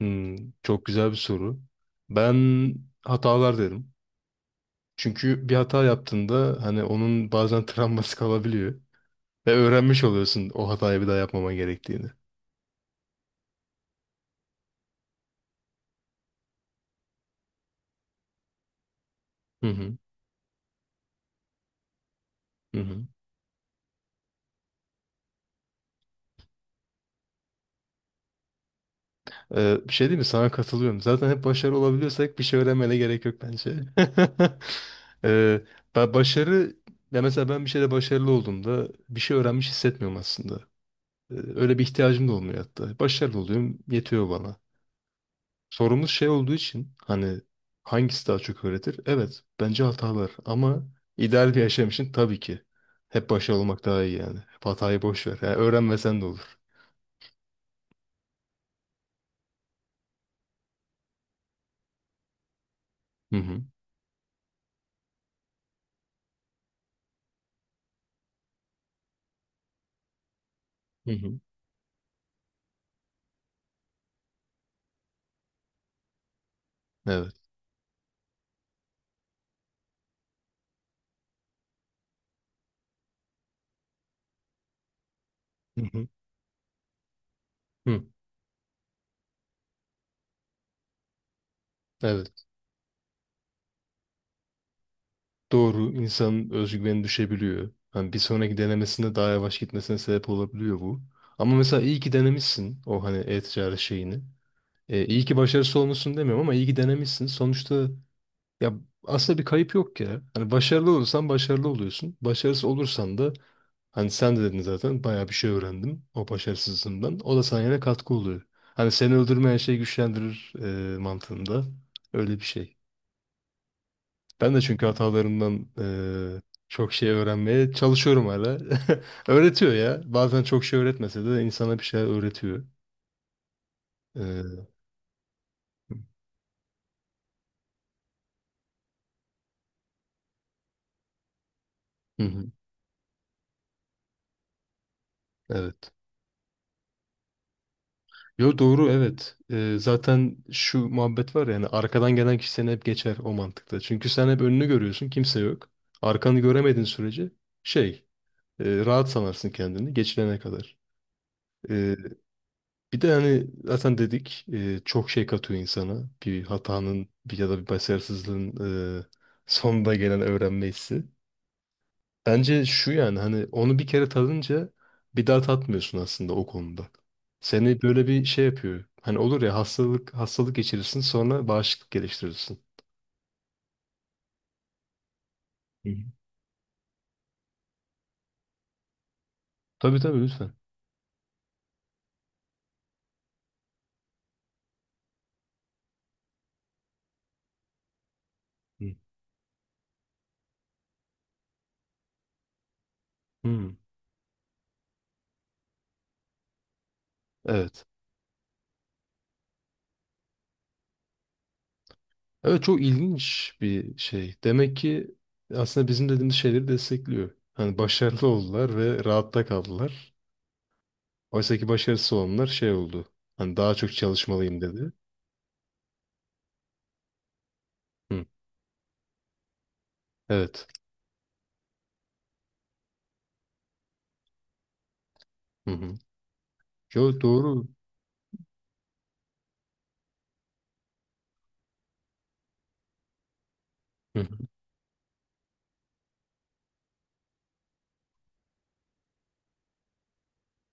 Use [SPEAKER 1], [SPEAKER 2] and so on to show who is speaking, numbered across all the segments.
[SPEAKER 1] Hmm, çok güzel bir soru. Ben hatalar derim. Çünkü bir hata yaptığında hani onun bazen travması kalabiliyor. Ve öğrenmiş oluyorsun o hatayı bir daha yapmama gerektiğini. Hı hı. Hı hı. Bir şey değil mi? Sana katılıyorum. Zaten hep başarılı olabiliyorsak bir şey öğrenmene gerek yok bence. ee, ben başarı ya mesela ben bir şeyde başarılı olduğumda bir şey öğrenmiş hissetmiyorum aslında. Öyle bir ihtiyacım da olmuyor hatta. Başarılı oluyorum, yetiyor bana. Sorumuz şey olduğu için hani hangisi daha çok öğretir? Evet bence hatalar ama ideal bir yaşam için tabii ki hep başarılı olmak daha iyi yani. Hep hatayı boş ver. Yani öğrenmesen de olur. Hı hı. Hı hı. Evet. Hı hı. Hı. Evet. Doğru, insanın özgüveni düşebiliyor. Hani bir sonraki denemesinde daha yavaş gitmesine sebep olabiliyor bu. Ama mesela iyi ki denemişsin o hani e-ticaret şeyini. İyi ki başarısız olmuşsun demiyorum ama iyi ki denemişsin. Sonuçta ya aslında bir kayıp yok ya. Hani başarılı olursan başarılı oluyorsun. Başarısız olursan da hani sen de dedin zaten bayağı bir şey öğrendim o başarısızlığından. O da sana yine katkı oluyor. Hani seni öldürmeyen şey güçlendirir mantığında. Öyle bir şey. Ben de çünkü hatalarımdan e, çok şey öğrenmeye çalışıyorum hala. Öğretiyor ya. Bazen çok şey öğretmese de insana bir şeyler öğretiyor. E, hı hı, evet. Yo, doğru evet. Zaten şu muhabbet var yani arkadan gelen kişi seni hep geçer o mantıkta. Çünkü sen hep önünü görüyorsun, kimse yok. Arkanı göremediğin sürece şey rahat sanarsın kendini geçilene kadar. Ee, Bir de hani zaten dedik çok şey katıyor insana. Bir hatanın bir ya da bir başarısızlığın e, sonunda gelen öğrenme hissi. Bence şu yani hani onu bir kere tadınca bir daha tatmıyorsun aslında o konuda. Seni böyle bir şey yapıyor. Hani olur ya, hastalık hastalık geçirirsin sonra bağışıklık geliştirirsin. Hı hı. Tabii tabii, lütfen. Hı. Hı. Evet. Evet, çok ilginç bir şey. Demek ki aslında bizim dediğimiz şeyleri destekliyor. Hani başarılı oldular ve rahatta kaldılar. Oysa ki başarısız olanlar şey oldu. Hani daha çok çalışmalıyım dedi. Hı. Evet. Hı hı. Yo, doğru. Hı. Hı.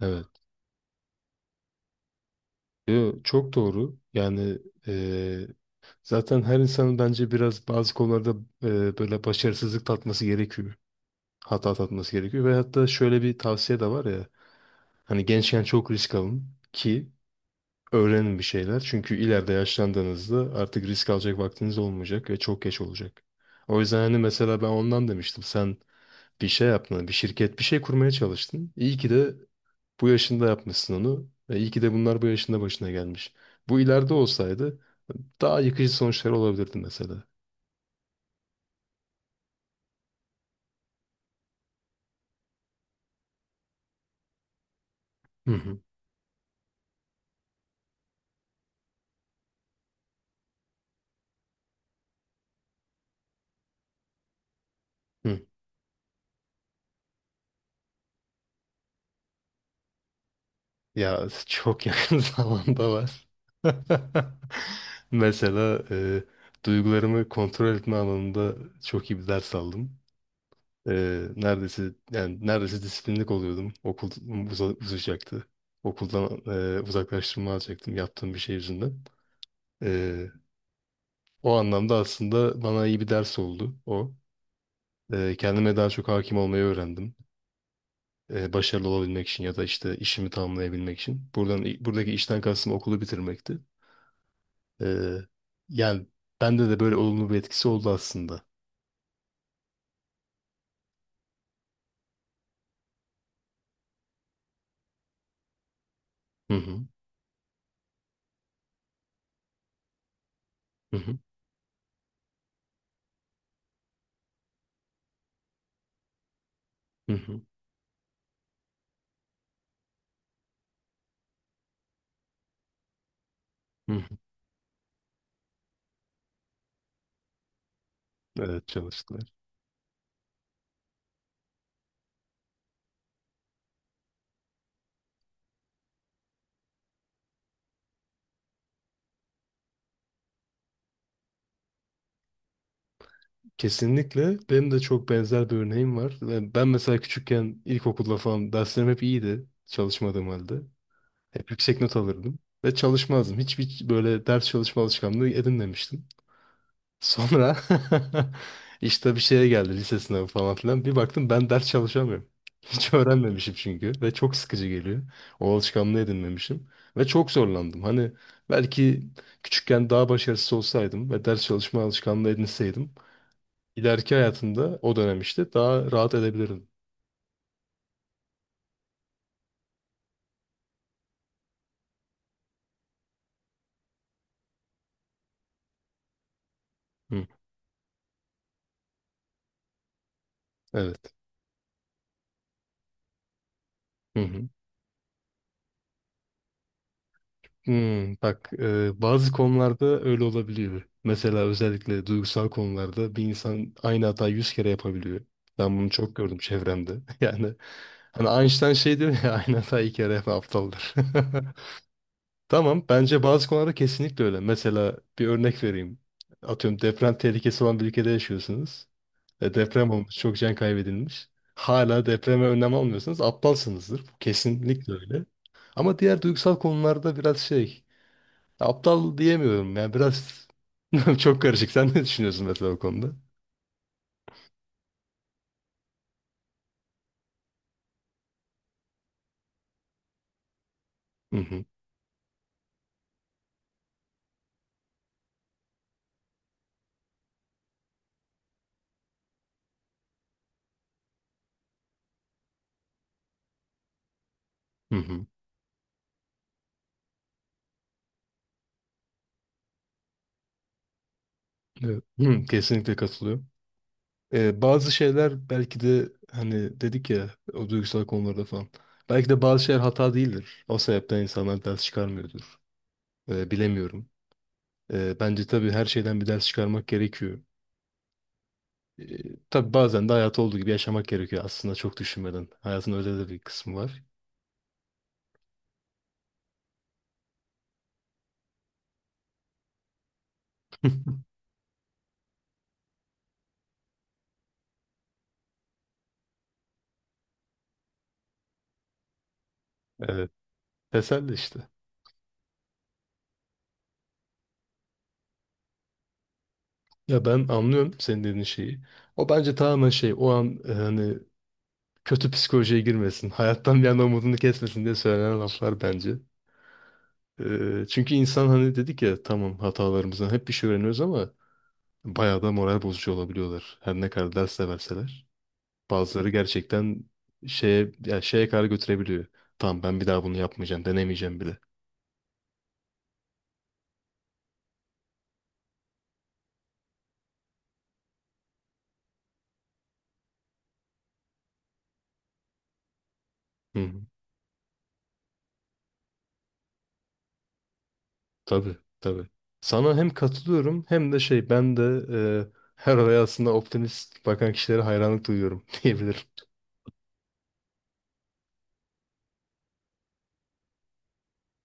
[SPEAKER 1] Evet. Yo, çok doğru. Yani eee, zaten her insanın bence biraz bazı konularda böyle başarısızlık tatması gerekiyor. Hata tatması gerekiyor. Ve hatta şöyle bir tavsiye de var ya. Hani gençken çok risk alın ki öğrenin bir şeyler. Çünkü ileride yaşlandığınızda artık risk alacak vaktiniz olmayacak ve çok geç olacak. O yüzden hani mesela ben ondan demiştim. Sen bir şey yaptın, bir şirket, bir şey kurmaya çalıştın. İyi ki de bu yaşında yapmışsın onu. Ve iyi ki de bunlar bu yaşında başına gelmiş. Bu ileride olsaydı daha yıkıcı sonuçlar olabilirdi mesela. Hı hı. Hı. Ya çok yakın zamanda var. Mesela duygularımı kontrol etme alanında çok iyi bir ders aldım. E, Neredeyse yani neredeyse disiplinlik oluyordum. Okul uzayacaktı. Okuldan uzaklaştırma alacaktım yaptığım bir şey yüzünden. E, O anlamda aslında bana iyi bir ders oldu o. Kendime daha çok hakim olmayı öğrendim. Başarılı olabilmek için ya da işte işimi tamamlayabilmek için. Buradan buradaki işten kastım okulu bitirmekti. Ee, Yani bende de böyle olumlu bir etkisi oldu aslında. Hı hı. Hı hı. Hı hı. Hı hı. Evet, çalıştılar. Kesinlikle benim de çok benzer bir örneğim var. Ben mesela küçükken ilkokulda falan derslerim hep iyiydi çalışmadığım halde. Hep yüksek not alırdım ve çalışmazdım. Hiçbir böyle ders çalışma alışkanlığı edinmemiştim. Sonra işte bir şeye geldi, lise sınavı falan filan. Bir baktım ben ders çalışamıyorum. Hiç öğrenmemişim çünkü ve çok sıkıcı geliyor. O alışkanlığı edinmemişim ve çok zorlandım. Hani belki küçükken daha başarısız olsaydım ve ders çalışma alışkanlığı edinseydim, ileriki hayatımda o dönem işte daha rahat edebilirdim. Hı, evet. Hmm, bak bazı konularda öyle olabiliyor. Mesela özellikle duygusal konularda bir insan aynı hatayı yüz kere yapabiliyor. Ben bunu çok gördüm çevremde. Yani hani Einstein şey diyor ya, aynı hatayı iki kere yapan aptaldır. Tamam, bence bazı konularda kesinlikle öyle. Mesela bir örnek vereyim. Atıyorum, deprem tehlikesi olan bir ülkede yaşıyorsunuz. Deprem olmuş, çok can kaybedilmiş. Hala depreme önlem almıyorsanız aptalsınızdır. Bu kesinlikle öyle. Ama diğer duygusal konularda biraz şey, aptal diyemiyorum ya, biraz çok karışık. Sen ne düşünüyorsun mesela o konuda? Hı hı. Hı hı. Evet. Hı, kesinlikle katılıyorum. Bazı şeyler belki de hani dedik ya, o duygusal konularda falan. Belki de bazı şeyler hata değildir. O sebepten insanlar ders çıkarmıyordur. Bilemiyorum. Bence tabii her şeyden bir ders çıkarmak gerekiyor. Ee, tabii bazen de hayatı olduğu gibi yaşamak gerekiyor aslında, çok düşünmeden. Hayatın öyle de bir kısmı var. Evet. Teselli işte. Ya ben anlıyorum senin dediğin şeyi. O bence tamamen şey, o an hani kötü psikolojiye girmesin. Hayattan bir anda umudunu kesmesin diye söylenen laflar bence. Çünkü insan, hani dedik ya, tamam hatalarımızdan hep bir şey öğreniyoruz ama bayağı da moral bozucu olabiliyorlar. Her ne kadar ders de verseler. Bazıları gerçekten şeye, ya şeye kadar götürebiliyor. Tamam, ben bir daha bunu yapmayacağım, denemeyeceğim bile. Hı hı. Tabii, tabii. Sana hem katılıyorum hem de şey, ben de e, her olaya aslında optimist bakan kişilere hayranlık duyuyorum diyebilirim.